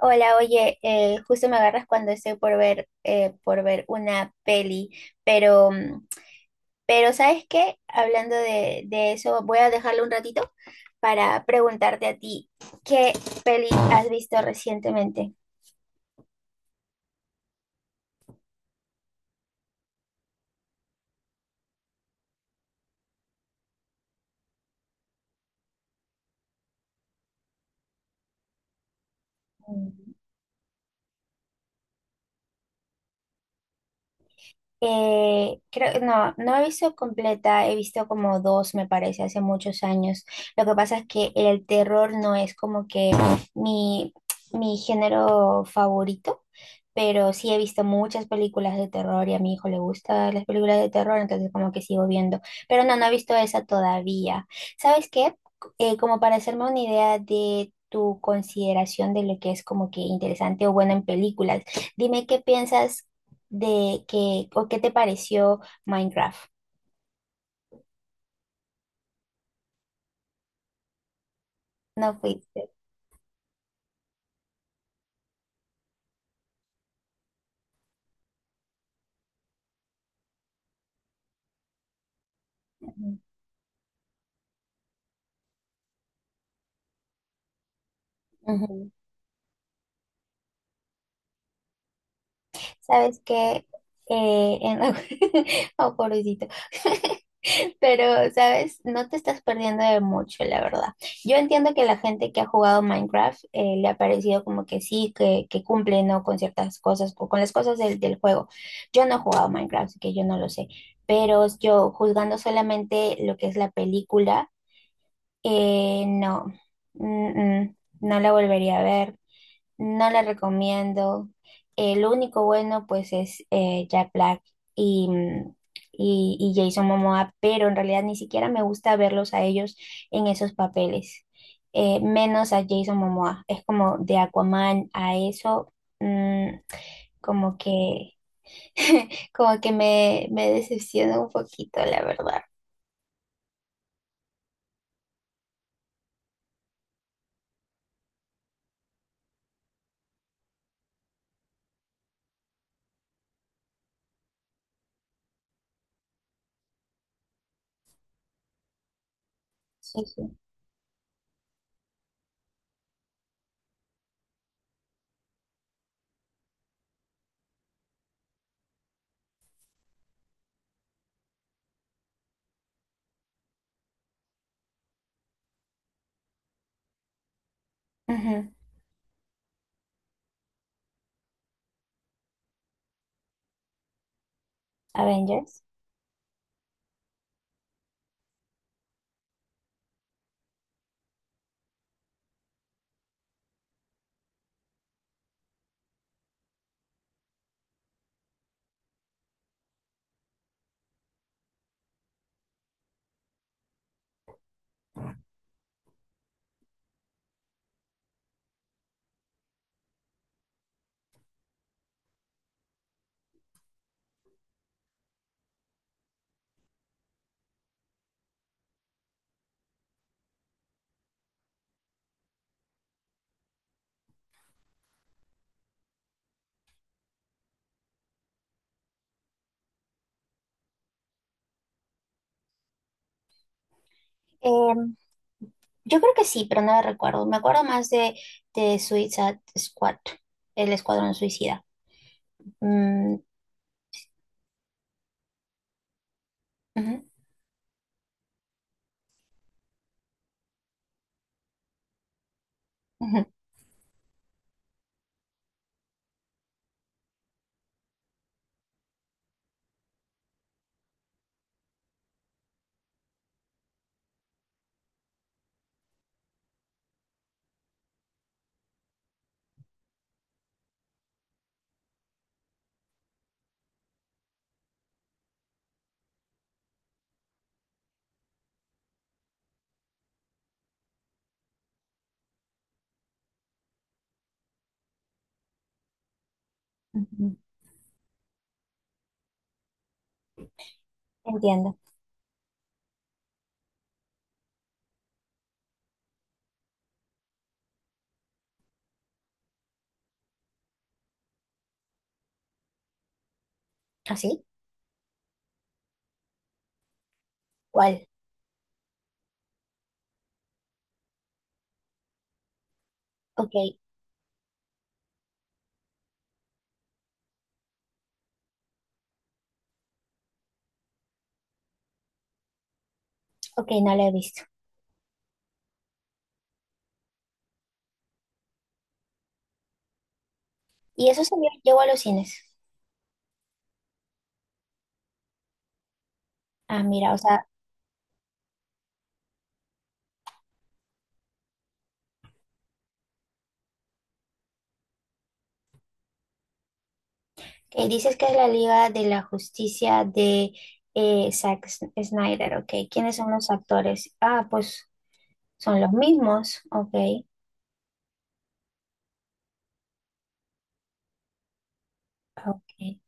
Hola, oye, justo me agarras cuando estoy por ver una peli, pero, pero ¿sabes qué? Hablando de eso, voy a dejarlo un ratito para preguntarte a ti, ¿qué peli has visto recientemente? Creo, no, no he visto completa, he visto como dos, me parece, hace muchos años. Lo que pasa es que el terror no es como que mi, mi género favorito, pero sí he visto muchas películas de terror y a mi hijo le gustan las películas de terror, entonces como que sigo viendo. Pero no, no he visto esa todavía. ¿Sabes qué? Como para hacerme una idea de tu consideración de lo que es como que interesante o bueno en películas, dime qué piensas o qué te pareció Minecraft. No fuiste. Ujú, ujú. ¿Sabes qué? Eh, en- Oh, pobrecito. Pero, ¿sabes? No te estás perdiendo de mucho, la verdad. Yo entiendo que la gente que ha jugado Minecraft le ha parecido como que sí, que cumple, ¿no? Con ciertas cosas, o con las cosas del juego. Yo no he jugado Minecraft, así que yo no lo sé. Pero yo, juzgando solamente lo que es la película, no, Mm, mm, no la volvería a ver, no la recomiendo. El único bueno pues es Jack Black y, mm, y Jason Momoa, pero en realidad ni siquiera me gusta verlos a ellos en esos papeles, menos a Jason Momoa. Es como de Aquaman a eso, mm, como que, como que me decepciona un poquito, la verdad. Sí, sí. Ujú. Avengers. Em, Yo creo que sí, pero no la recuerdo. Me acuerdo más de Suicide Squad, el Escuadrón Suicida. Mm, ujú, ujú, ujú. Entiendo. ¿Así? ¿Cuál? Ok, ok, no la he visto. ¿Y eso salió, llegó a los cines? Ah, mira, o sea, que dices que es la Liga de la Justicia de Zack Snyder, ok. ¿Quiénes son los actores? Ah, pues son los mismos, ok, ok.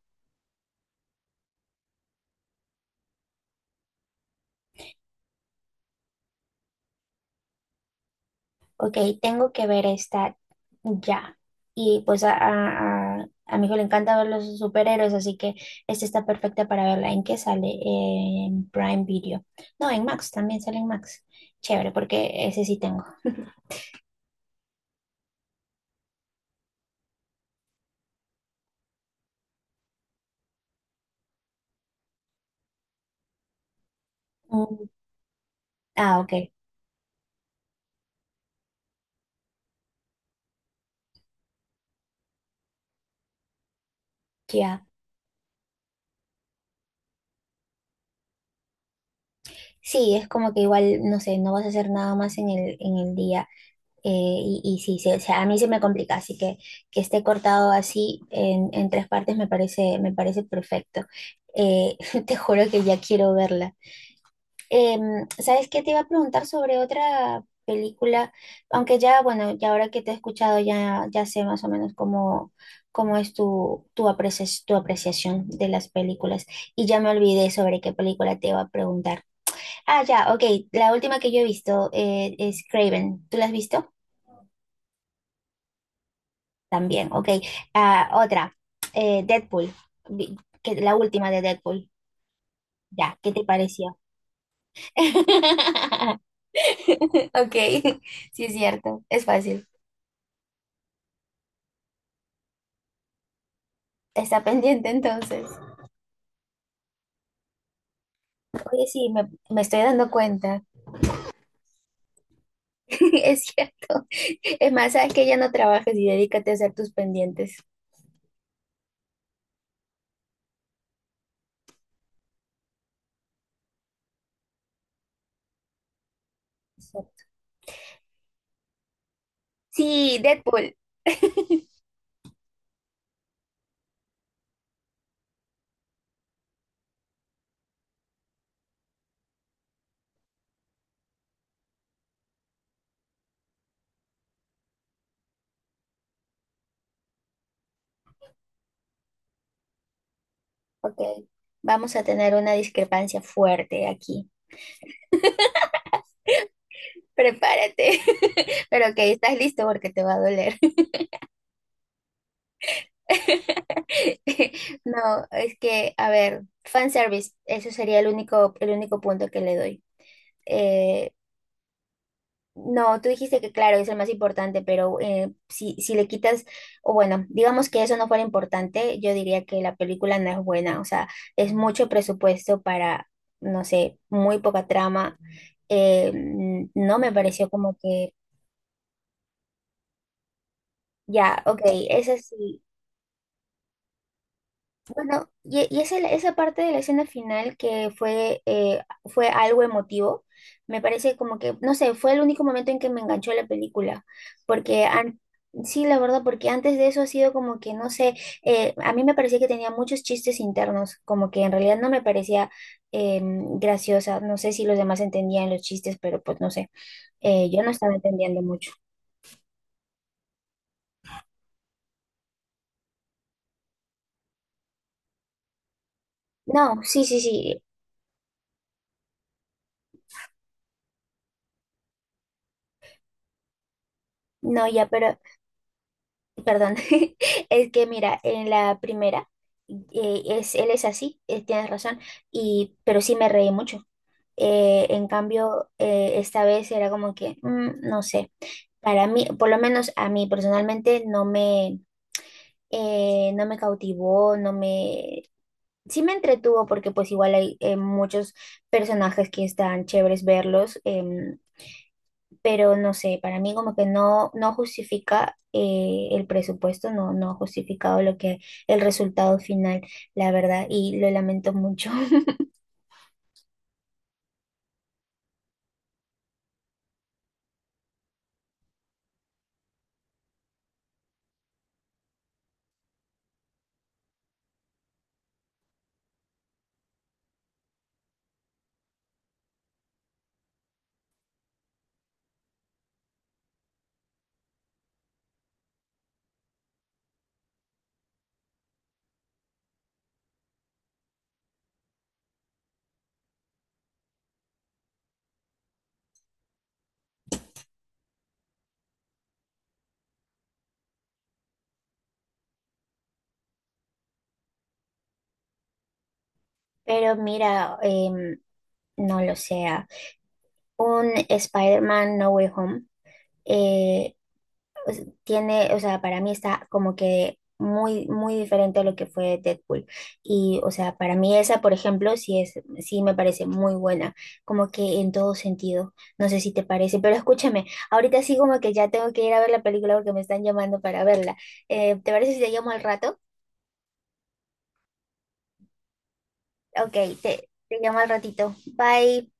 Ok, tengo que ver esta ya. Y pues a mi hijo le encanta ver los superhéroes, así que esta está perfecta para verla. ¿En qué sale? En Prime Video. No, en Max, también sale en Max. Chévere, porque ese sí tengo. Mm, ah, ok, ya. Sí, es como que igual, no sé, no vas a hacer nada más en el día. Y sí, a mí se me complica, así que esté cortado así en tres partes me parece perfecto. Eh, Te juro que ya quiero verla. ¿Sabes qué? Te iba a preguntar sobre otra película, aunque ya, bueno, ahora que te he escuchado ya sé más o menos cómo es tu apreciación de las películas y ya me olvidé sobre qué película te iba a preguntar. Ah, ya, ok, la última que yo he visto es Craven. ¿Tú la has visto? También, ok. Ah, otra, Deadpool, Vi- la última de Deadpool. Ya, ¿qué te pareció? Ok, sí es cierto, es fácil. Está pendiente entonces. Oye, sí, me estoy dando cuenta. Es cierto. Es más, sabes que ya no trabajes y dedícate a hacer tus pendientes. Sí, Deadpool. Ok, vamos a tener una discrepancia fuerte aquí. Prepárate. Pero ok, estás listo porque te va a doler. No, es que, a ver, fanservice, eso sería el único punto que le doy. Eh, no, tú dijiste que claro, es el más importante, pero si le quitas, o bueno, digamos que eso no fuera importante, yo diría que la película no es buena, o sea, es mucho presupuesto para, no sé, muy poca trama. Eh, no me pareció como que, ya, ok, esa sí. Bueno, y esa parte de la escena final que fue algo emotivo, me parece como que, no sé, fue el único momento en que me enganchó la película, porque sí, la verdad, porque antes de eso ha sido como que, no sé, a mí me parecía que tenía muchos chistes internos, como que en realidad no me parecía eh, graciosa, no sé si los demás entendían los chistes, pero pues no sé, yo no estaba entendiendo mucho. No, sí, sí, sí, no, ya, pero. Perdón, es que mira, en la primera, él es así, tienes razón, y, pero sí me reí mucho. En cambio, esta vez era como que, no sé, para mí, por lo menos a mí personalmente, no me cautivó, no me. Sí me entretuvo porque pues igual hay muchos personajes que están chéveres verlos, pero no sé, para mí como que no justifica el presupuesto, no ha justificado lo que el resultado final, la verdad, y lo lamento mucho. Pero mira, no lo sea. Un Spider-Man No Way Home. eh, pues, tiene, o sea, para mí está como que muy, muy diferente a lo que fue Deadpool. Y, o sea, para mí esa, por ejemplo, sí me parece muy buena, como que en todo sentido. No sé si te parece, pero escúchame, ahorita sí como que ya tengo que ir a ver la película porque me están llamando para verla. ¿Te parece si te llamo al rato? Ok, te llamo al ratito. Bye.